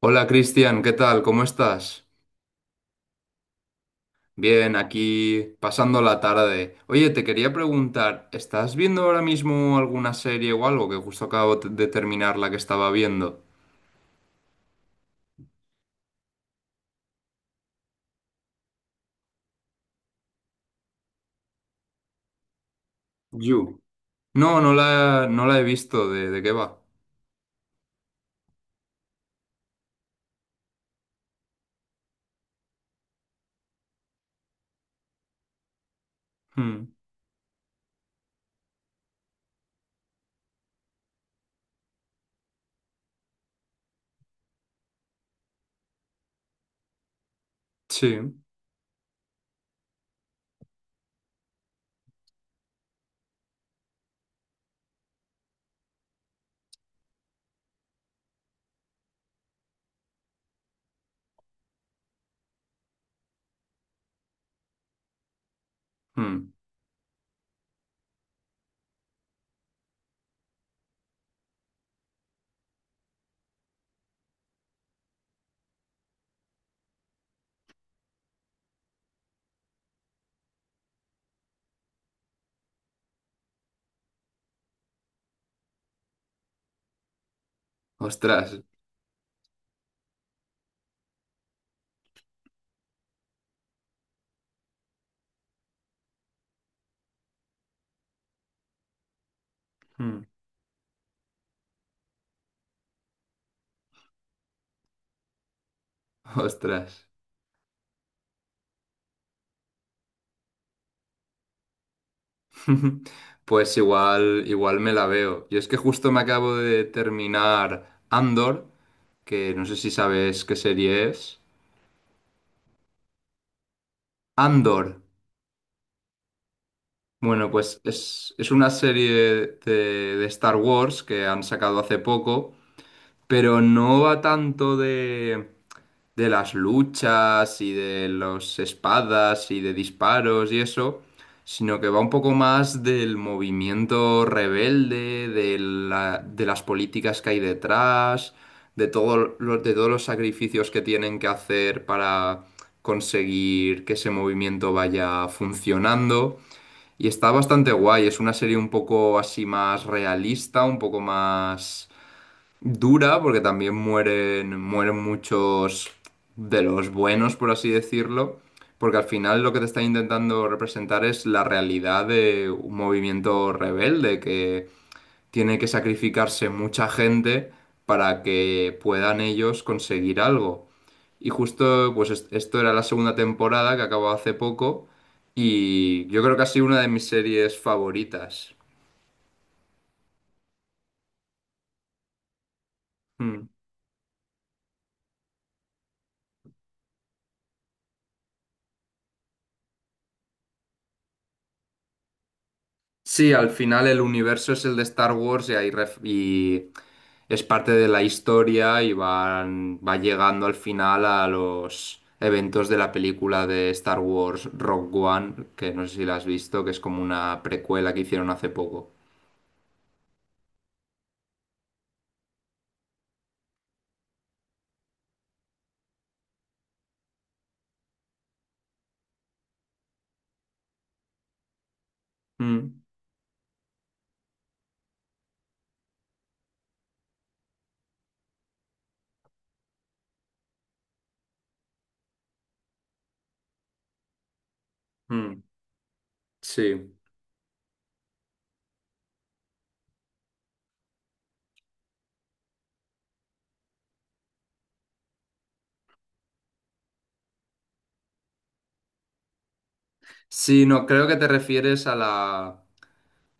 Hola Cristian, ¿qué tal? ¿Cómo estás? Bien, aquí pasando la tarde. Oye, te quería preguntar, ¿estás viendo ahora mismo alguna serie o algo? Que Justo acabo de terminar la que estaba viendo. You. No, no la he visto. ¿De qué va? Hmm. Sí. Hmm. Ostras. Hmm. Ostras. Pues igual me la veo. Yo es que justo me acabo de terminar Andor, que no sé si sabes qué serie es. Andor. Bueno, pues es una serie de Star Wars que han sacado hace poco, pero no va tanto de las luchas y de las espadas y de disparos y eso, sino que va un poco más del movimiento rebelde, de las políticas que hay detrás, de de todos los sacrificios que tienen que hacer para conseguir que ese movimiento vaya funcionando. Y está bastante guay, es una serie un poco así más realista, un poco más dura, porque también mueren muchos de los buenos, por así decirlo, porque al final lo que te está intentando representar es la realidad de un movimiento rebelde que tiene que sacrificarse mucha gente para que puedan ellos conseguir algo. Y justo, pues esto era la segunda temporada que acabó hace poco y yo creo que ha sido una de mis series favoritas. Hmm. Sí, al final el universo es el de Star Wars y, es parte de la historia y va llegando al final a los eventos de la película de Star Wars Rogue One, que no sé si la has visto, que es como una precuela que hicieron hace poco. Mm, mm, sí. Sí, no, creo que te refieres a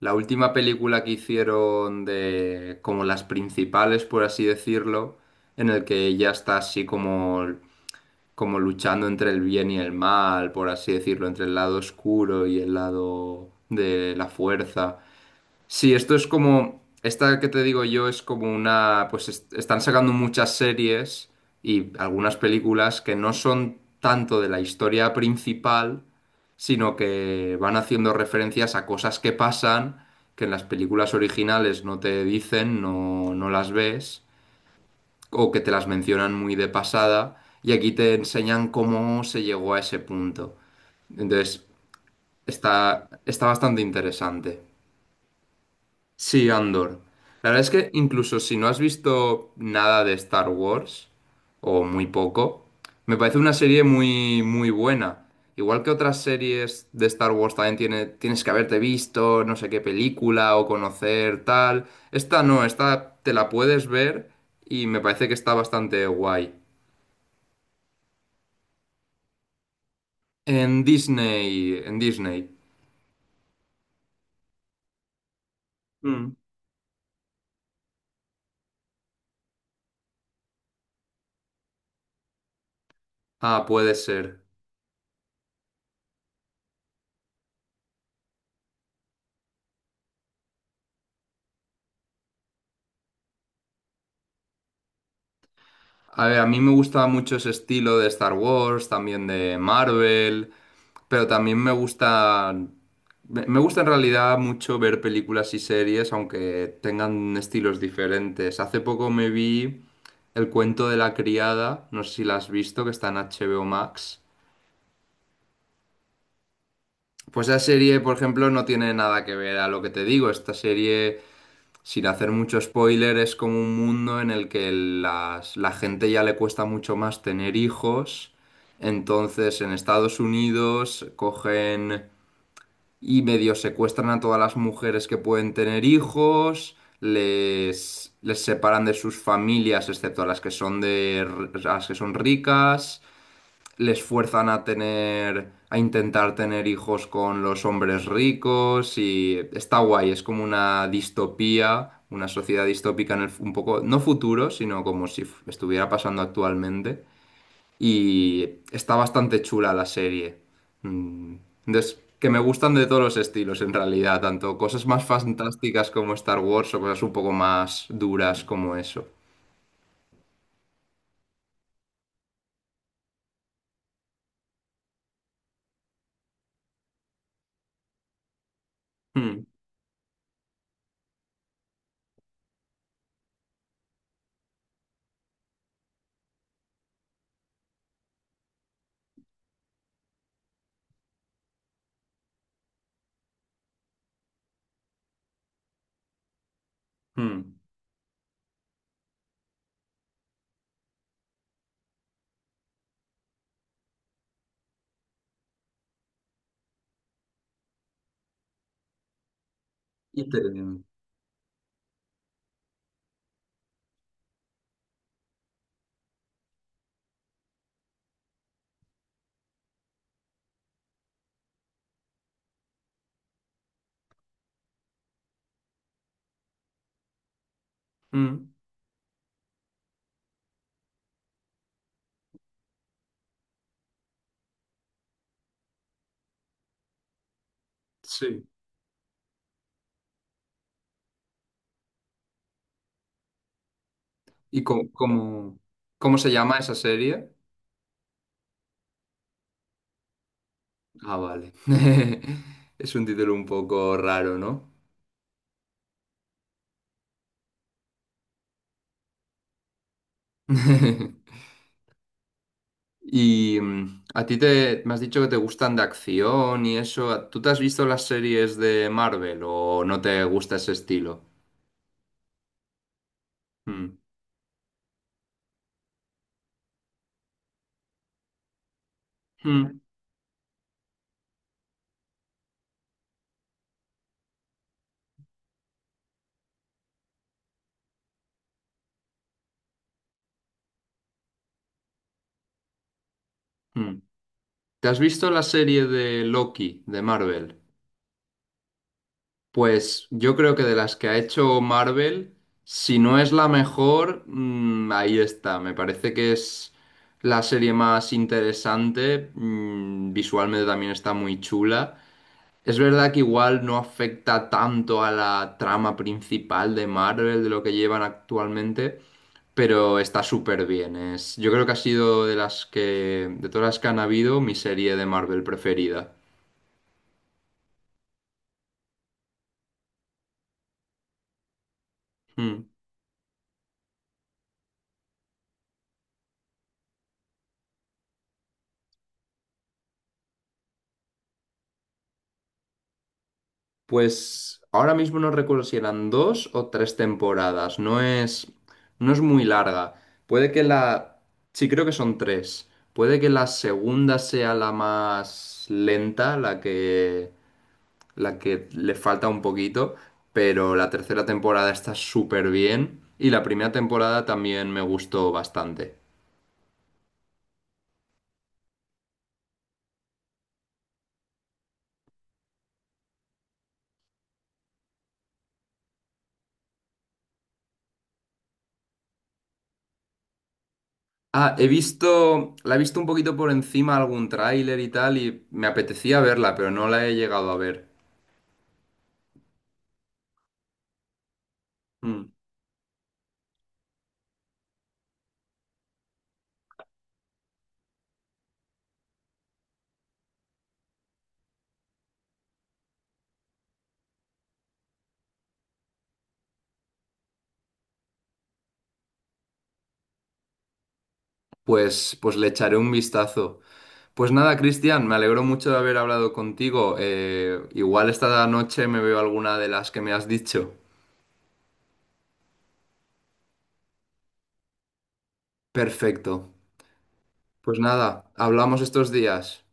la última película que hicieron de como las principales, por así decirlo, en el que ella está así como luchando entre el bien y el mal, por así decirlo, entre el lado oscuro y el lado de la fuerza. Sí, esto es como, esta que te digo yo es como una, pues están sacando muchas series y algunas películas que no son tanto de la historia principal, sino que van haciendo referencias a cosas que pasan, que en las películas originales no te dicen, no, no las ves o que te las mencionan muy de pasada y aquí te enseñan cómo se llegó a ese punto. Entonces, está bastante interesante. Sí, Andor. La verdad es que incluso si no has visto nada de Star Wars, o muy poco, me parece una serie muy buena. Igual que otras series de Star Wars también tienes que haberte visto no sé qué película o conocer tal. Esta no, esta te la puedes ver y me parece que está bastante guay. En Disney, en Disney. Mm. Ah, puede ser. A ver, a mí me gusta mucho ese estilo de Star Wars, también de Marvel, pero también me gusta en realidad mucho ver películas y series, aunque tengan estilos diferentes. Hace poco me vi El cuento de la criada, no sé si la has visto, que está en HBO Max. Pues esa serie, por ejemplo, no tiene nada que ver a lo que te digo. Esta serie, sin hacer mucho spoiler, es como un mundo en el que la gente ya le cuesta mucho más tener hijos. Entonces, en Estados Unidos cogen y medio secuestran a todas las mujeres que pueden tener hijos, les separan de sus familias, excepto a las que son las que son ricas, les fuerzan a intentar tener hijos con los hombres ricos y está guay, es como una distopía, una sociedad distópica en un poco, no futuro, sino como si estuviera pasando actualmente y está bastante chula la serie. Mm. Entonces, que me gustan de todos los estilos en realidad, tanto cosas más fantásticas como Star Wars o cosas un poco más duras como eso. Mm, mm. Y- Te- mm. Sí. ¿Y cómo, cómo se llama esa serie? Ah, vale. Es un título un poco raro, ¿no? A ti me has dicho que te gustan de acción y eso. ¿Tú te has visto las series de Marvel o no te gusta ese estilo? Mm. Mm, mm. ¿Te has visto la serie de Loki de Marvel? Pues yo creo que de las que ha hecho Marvel, si no es la mejor, mm, ahí está. Me parece que es la serie más interesante. Mm, visualmente también está muy chula. Es verdad que igual no afecta tanto a la trama principal de Marvel, de lo que llevan actualmente, pero está súper bien. Es, yo creo que ha sido de las que, de todas las que han habido, mi serie de Marvel preferida. Mm. Pues ahora mismo no recuerdo si eran dos o tres temporadas. No es muy larga. Puede que la... Sí, creo que son tres. Puede que la segunda sea la más lenta, la que le falta un poquito, pero la tercera temporada está súper bien y la primera temporada también me gustó bastante. Ah, la he visto un poquito por encima algún tráiler y tal y me apetecía verla, pero no la he llegado a ver. Hmm. Pues le echaré un vistazo. Pues nada, Cristian, me alegro mucho de haber hablado contigo. Igual esta noche me veo alguna de las que me has dicho. Perfecto. Pues nada, hablamos estos días.